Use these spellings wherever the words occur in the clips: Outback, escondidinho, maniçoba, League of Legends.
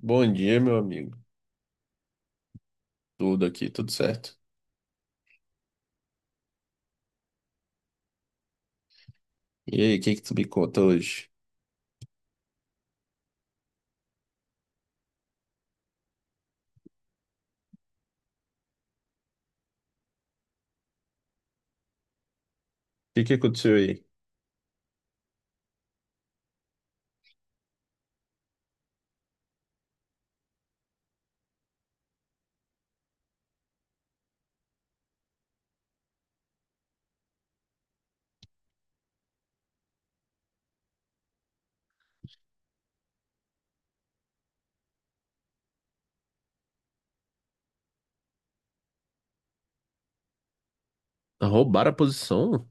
Bom dia, meu amigo. Tudo aqui, tudo certo. E aí, o que que tu me conta hoje? O que que aconteceu aí? Roubar a posição?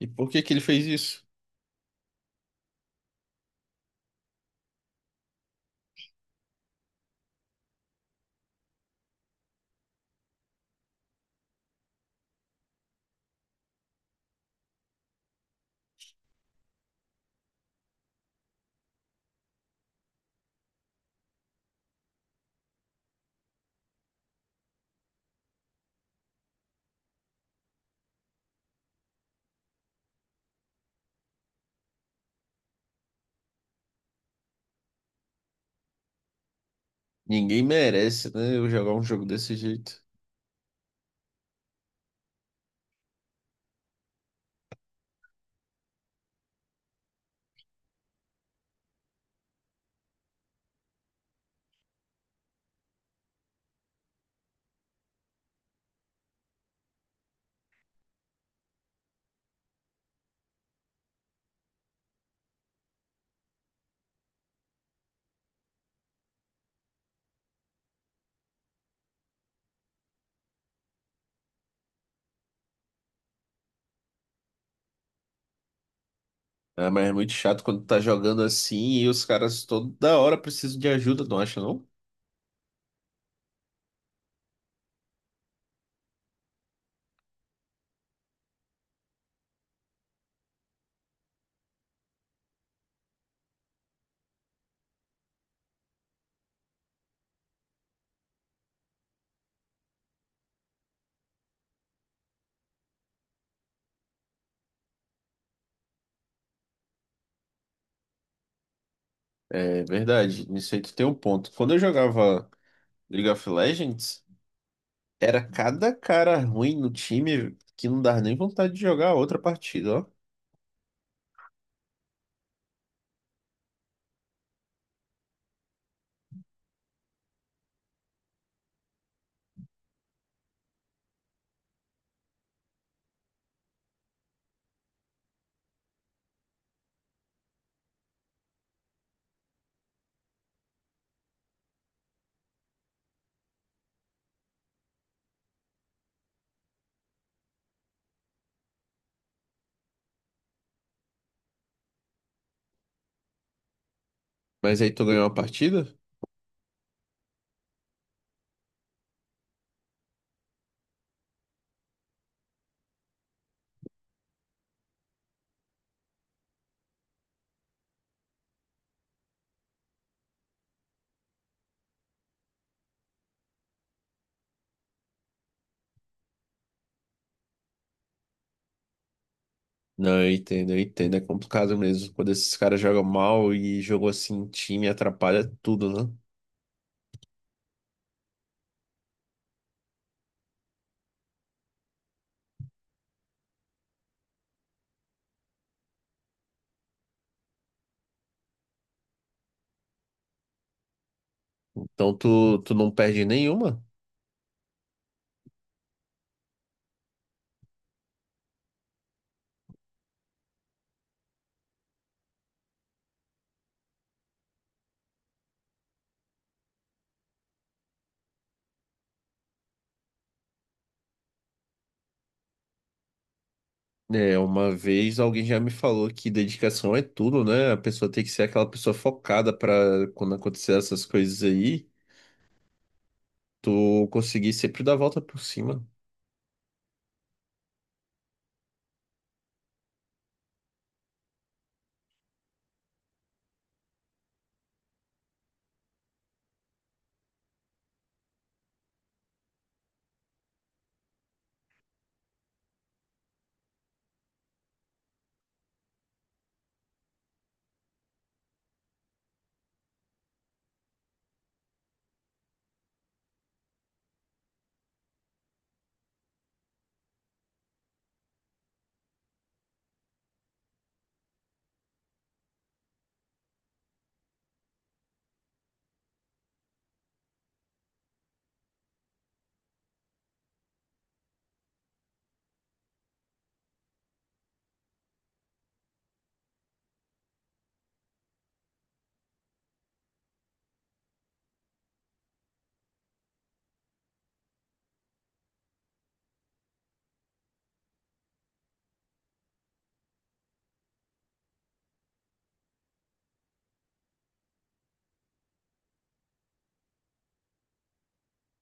E por que que ele fez isso? Ninguém merece, né? Eu jogar um jogo desse jeito. Ah, mas é muito chato quando tá jogando assim e os caras toda hora precisam de ajuda, não acha, não? É verdade, nisso aí tu tem um ponto. Quando eu jogava League of Legends, era cada cara ruim no time que não dava nem vontade de jogar outra partida, ó. Mas aí tu ganhou uma partida? Não, eu entendo, eu entendo. É complicado mesmo. Quando esses caras jogam mal e jogo assim, em time atrapalha tudo, né? Então tu não perde nenhuma. É, uma vez alguém já me falou que dedicação é tudo, né? A pessoa tem que ser aquela pessoa focada pra quando acontecer essas coisas aí, tu conseguir sempre dar a volta por cima.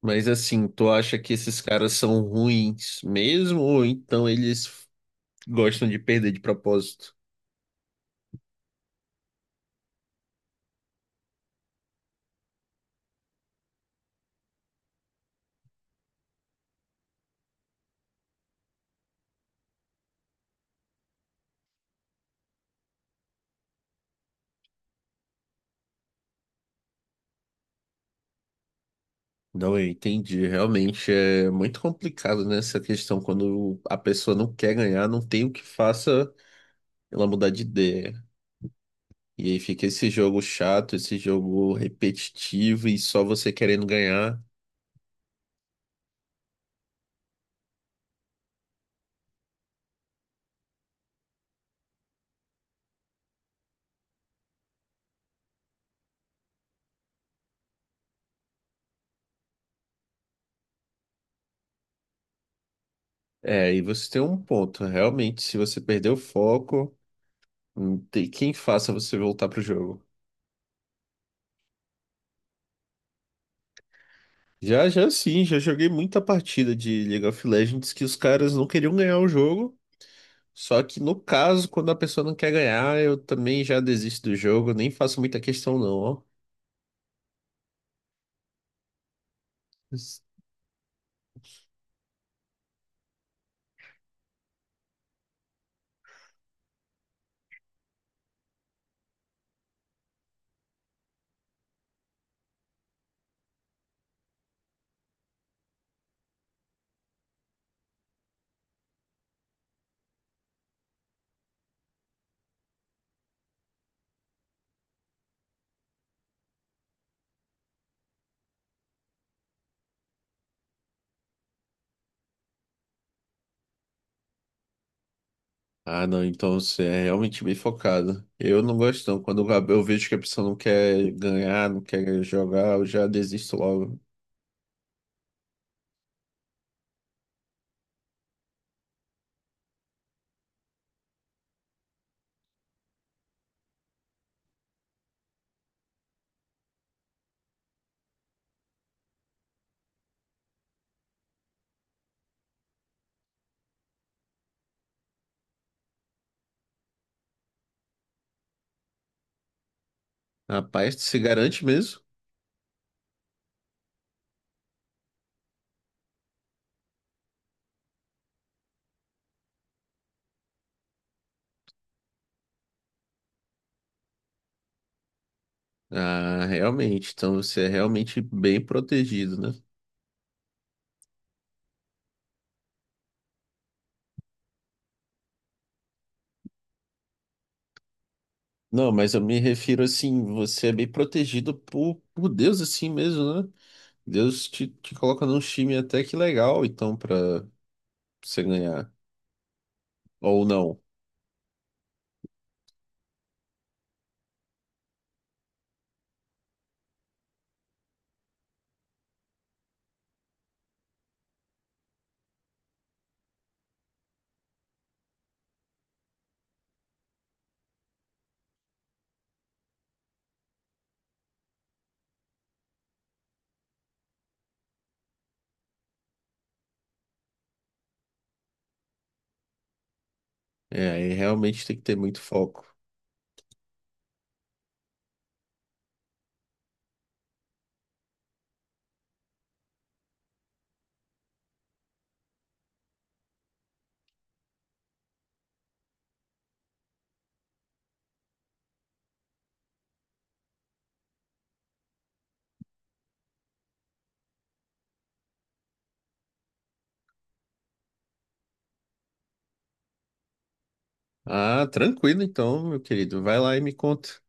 Mas assim, tu acha que esses caras são ruins mesmo, ou então eles gostam de perder de propósito? Não, eu entendi. Realmente é muito complicado, né, essa questão quando a pessoa não quer ganhar, não tem o que faça ela mudar de ideia. E aí fica esse jogo chato, esse jogo repetitivo e só você querendo ganhar. É, e você tem um ponto. Realmente, se você perder o foco, não tem quem faça você voltar pro jogo. Já, já sim, já joguei muita partida de League of Legends que os caras não queriam ganhar o jogo. Só que no caso, quando a pessoa não quer ganhar, eu também já desisto do jogo, nem faço muita questão não, ó. Ah, não, então você é realmente bem focado. Eu não gosto não, quando eu vejo que a pessoa não quer ganhar, não quer jogar, eu já desisto logo. Rapaz, tu se garante mesmo? Ah, realmente, então você é realmente bem protegido, né? Não, mas eu me refiro assim, você é bem protegido por Deus assim mesmo, né? Deus te coloca num time até que legal, então, pra você ganhar. Ou não. É, aí realmente tem que ter muito foco. Ah, tranquilo então, meu querido. Vai lá e me conta.